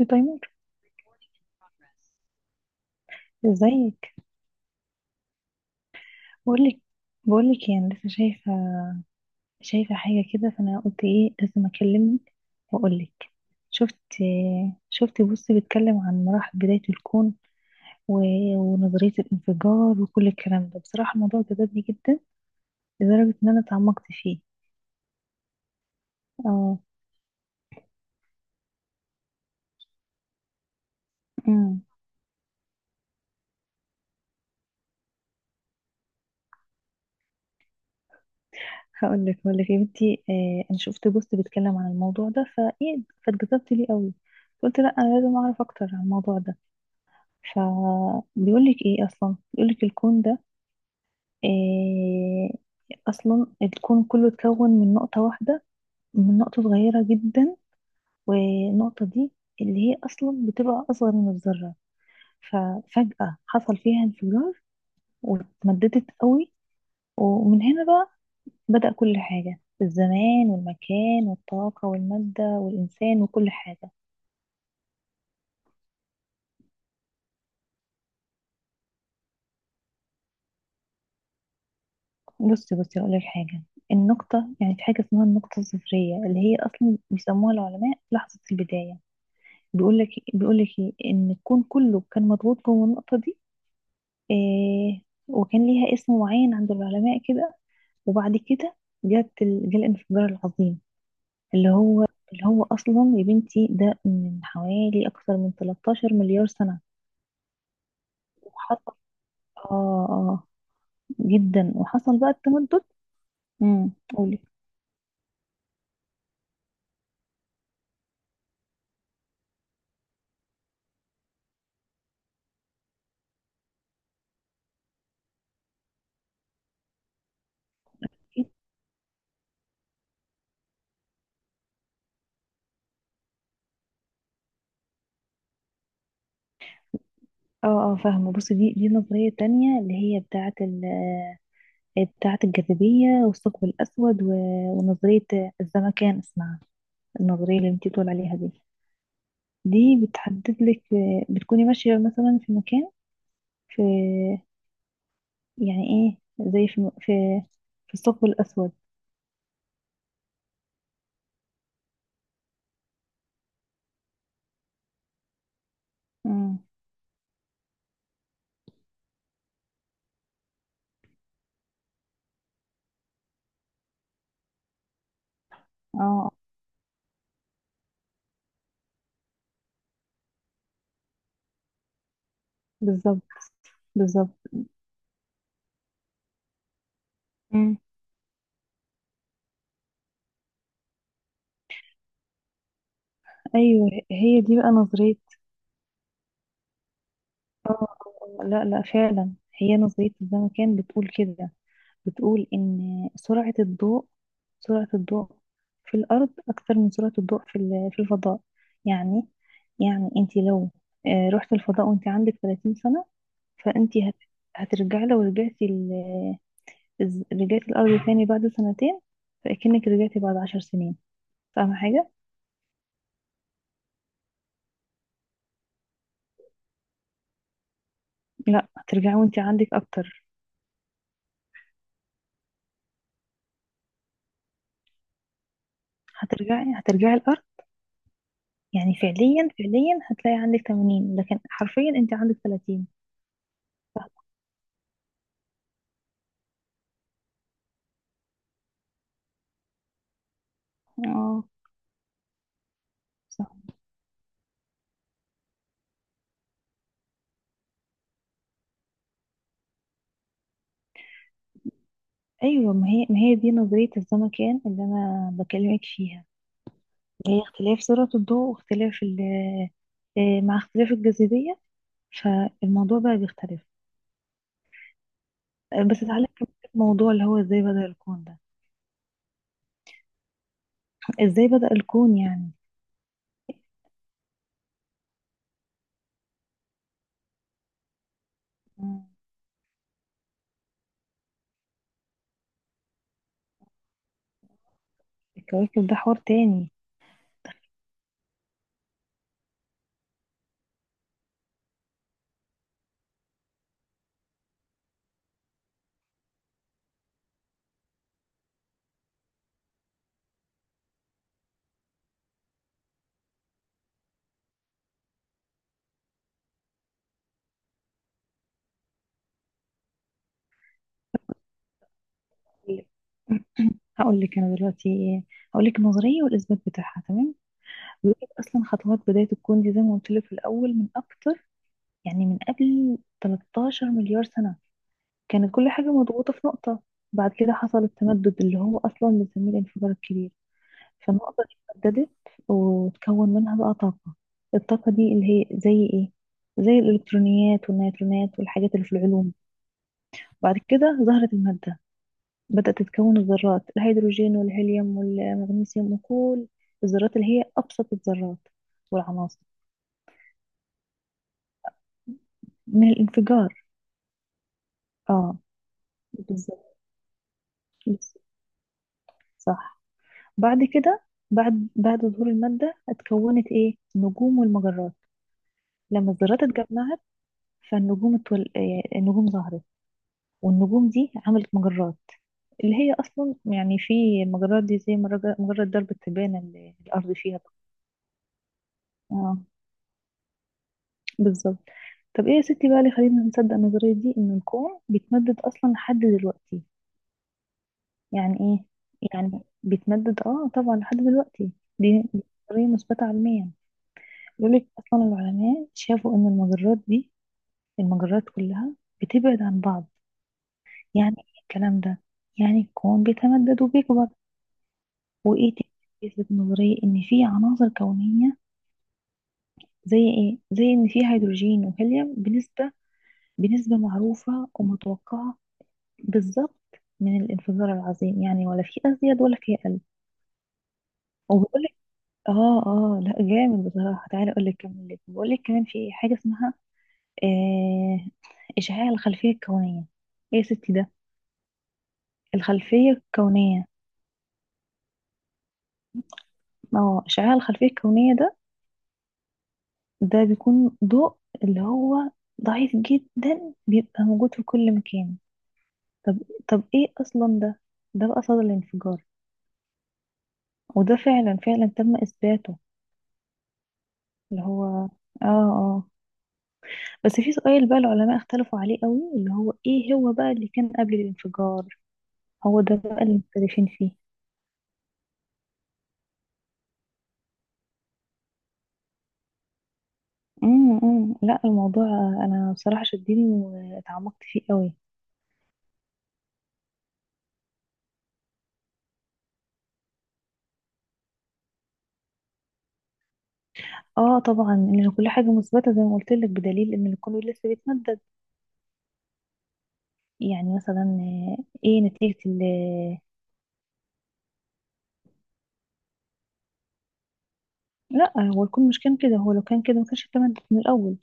التايمر. ازيك؟ بقولك بقولك يعني لسه شايفة حاجة كده، فأنا قلت ايه، لازم أكلمك وأقولك. شفت شفت بص، بيتكلم عن مراحل بداية الكون و... ونظرية الانفجار وكل الكلام ده. بصراحة الموضوع جذبني جدا لدرجة إن أنا اتعمقت فيه. اه. امم هقولك يا بنتي، أنا شفت بوست بيتكلم عن الموضوع ده فايه، فاتجذبت ليه قوي. قلت لا، أنا لازم أعرف أكتر عن الموضوع ده. فبيقولك ايه اصلا، بيقولك الكون ده إيه. اصلا الكون كله اتكون من نقطة واحدة، من نقطة صغيرة جدا، والنقطة دي اللي هي اصلا بتبقى اصغر من الذرة. ففجأة حصل فيها انفجار واتمددت قوي، ومن هنا بقى بدأ كل حاجة، الزمان والمكان والطاقة والمادة والإنسان وكل حاجة. بصي بصي، هقول لك حاجه. النقطه، يعني في حاجه اسمها النقطه الصفريه، اللي هي اصلا بيسموها العلماء لحظه البدايه. بيقول لك ايه، ان الكون كله كان مضغوط جوه النقطه دي. إيه. وكان ليها اسم معين عند العلماء كده، وبعد كده جه الانفجار العظيم، اللي هو اللي هو اصلا يا بنتي ده من حوالي اكثر من 13 مليار سنه. وحصل، اه، اه، جدا. وحصل بقى التمدد. قولي. اه، اه، فاهمة. بصي، دي النظرية التانية اللي هي بتاعة الجاذبية والثقب الأسود، و- ونظرية الزمكان اسمها. النظرية اللي انتي بتقول عليها دي، دي بتحدد لك. بتكوني ماشية مثلا في مكان، في، يعني ايه، زي في، في الثقب الأسود. امم اه، بالظبط. بالظبط. امم أيوه، هي دي بقى نظرية. لا، لا، فعلا. هي نظرية الزمكان بتقول كده. بتقول إن سرعة الضوء، سرعة الضوء في الأرض أكتر من سرعة الضوء في الفضاء. يعني، يعني أنت لو رحت الفضاء وأنت عندك 30 سنة، فأنت هترجعي. لو رجعتي الأرض تاني بعد سنتين، فأكنك رجعتي بعد عشر سنين. فاهمة حاجة؟ لا، هترجعي وأنت عندك أكتر. هترجعي الأرض. يعني فعليا فعليا هتلاقي عندك 80، لكن حرفيا أنت عندك 30. اه، صح. ايوه، ما هي دي نظريه الزمكان اللي انا بكلمك فيها، اللي هي اختلاف سرعه الضوء، واختلاف مع اختلاف الجاذبيه، فالموضوع بقى بيختلف. بس تعالى نكمل الموضوع اللي هو ازاي بدأ الكون ده. ازاي بدأ الكون يعني. مم. الكواكب ده حوار تاني. هقول لك انا دلوقتي إيه. هقول لك النظريه والاثبات بتاعها، تمام. بيقول لك اصلا خطوات بدايه الكون دي زي ما قلت لك في الاول، من اكتر، يعني من قبل 13 مليار سنه، كانت كل حاجة مضغوطة في نقطة. بعد كده حصل التمدد اللي هو أصلا بنسميه الانفجار الكبير. فالنقطة دي اتمددت، وتكون منها بقى طاقة. الطاقة دي اللي هي زي إيه؟ زي الإلكترونيات والنيوترونات والحاجات اللي في العلوم. بعد كده ظهرت المادة، بدأت تتكون الذرات، الهيدروجين والهيليوم والمغنيسيوم وكل الذرات اللي هي أبسط الذرات والعناصر. من الانفجار. اه، بالظبط. بالظبط. صح. بعد كده، بعد ظهور المادة اتكونت ايه، النجوم والمجرات، لما الذرات اتجمعت. فالنجوم اتول... آه، النجوم ظهرت، والنجوم دي عملت مجرات اللي هي اصلا يعني في. المجرات دي زي مجرة درب التبانة اللي الارض فيها. اه، بالظبط. طب، ايه يا ستي بقى اللي خلينا نصدق النظرية دي، ان الكون بيتمدد اصلا لحد دلوقتي؟ يعني ايه، يعني بيتمدد، اه طبعا لحد دلوقتي. دي نظرية مثبتة علميا. يقولك اصلا العلماء شافوا ان المجرات دي، المجرات كلها بتبعد عن بعض. يعني ايه الكلام ده؟ يعني الكون بيتمدد وبيكبر. وايه تاني بيثبت النظرية؟ ان في عناصر كونية، زي ايه، زي ان في هيدروجين وهيليوم بنسبة معروفة ومتوقعة، بالظبط، من الانفجار العظيم، يعني ولا في ازيد ولا في اقل. وبيقول لك، اه، اه، لا جامد بصراحة. تعالى اقول لك كمان، بقول لك كمان في حاجة اسمها، آه اشعاع الخلفية الكونية. ايه يا ستي ده، الخلفية الكونية؟ ما هو اشعاع الخلفية الكونية ده، ده بيكون ضوء اللي هو ضعيف جدا بيبقى موجود في كل مكان. طب، طب، ايه اصلا ده؟ ده بقى صدى الانفجار. وده فعلا فعلا تم اثباته، اللي هو اه، اه. بس في سؤال بقى العلماء اختلفوا عليه قوي، اللي هو ايه هو بقى اللي كان قبل الانفجار. هو ده بقى اللي مختلفين فيه. أمم. لا، الموضوع، انا بصراحة شدني واتعمقت فيه قوي. اه، طبعا، ان كل حاجة مثبتة زي ما قلت لك، بدليل ان الكون لسه بيتمدد. يعني مثلا، ايه نتيجة ال. لا، هو الكون مش كان كده، هو لو كان كده ما كانش التمدد من الأول.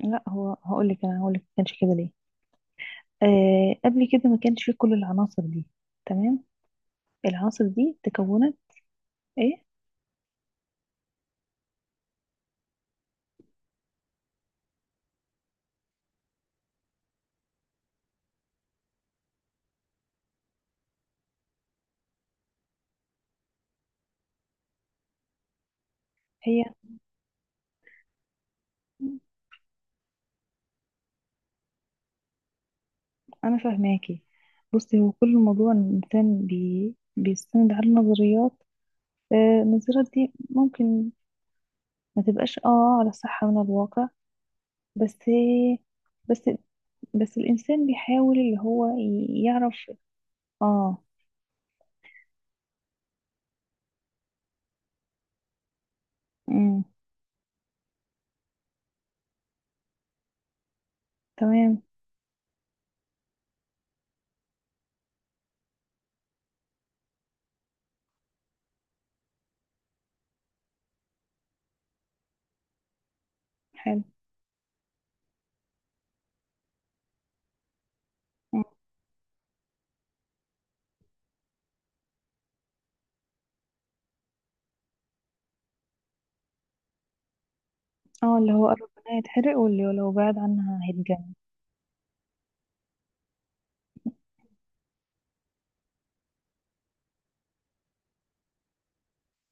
لا، هو هقول لك ما كانش كده ليه. قبل كده ما كانش فيه كل العناصر دي. تمام. العناصر دي تكونت ايه، هي. انا فاهماكي. بصي، هو كل الموضوع إن الانسان بيستند على النظريات. النظريات دي ممكن ما تبقاش، اه، على صحة من الواقع. بس، بس، بس الانسان بيحاول اللي هو يعرف، اه. امم تمام. حلو. مم. اه، اللي هو قرب منها يتحرق، واللي لو بعد عنها هيتجنن.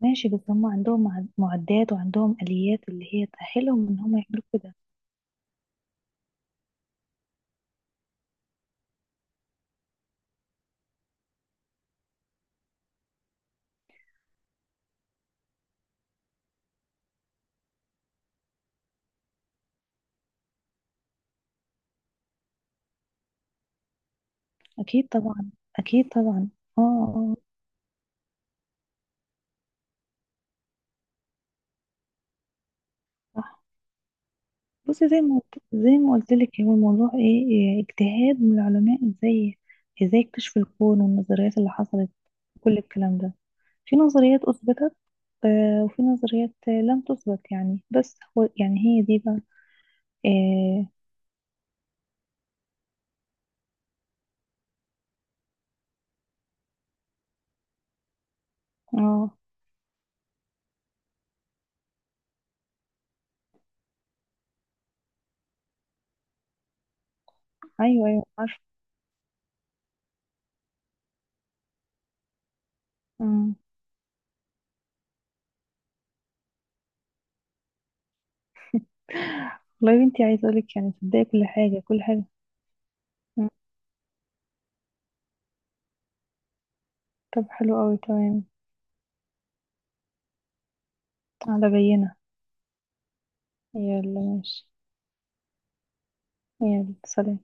ماشي، بس هم عندهم معدات وعندهم آليات اللي هي تأهلهم ان هم يعملوا كده. اكيد طبعا. اكيد طبعا. اه، اه، صح. بصي، زي ما قلت لك، هو الموضوع ايه، اجتهاد من العلماء، ازاي اكتشفوا الكون والنظريات اللي حصلت. كل الكلام ده، في نظريات اثبتت، وفي نظريات لم تثبت يعني. بس هو يعني هي دي بقى، آه، اه. ايوه، ايوه، عارفه. أمم. والله يا بنتي، عايزه اقولك يعني تصدقي كل حاجه كل حاجه. أمم. طب، حلو قوي، تمام. على بينا، يلا ماشي. يلا، سلام.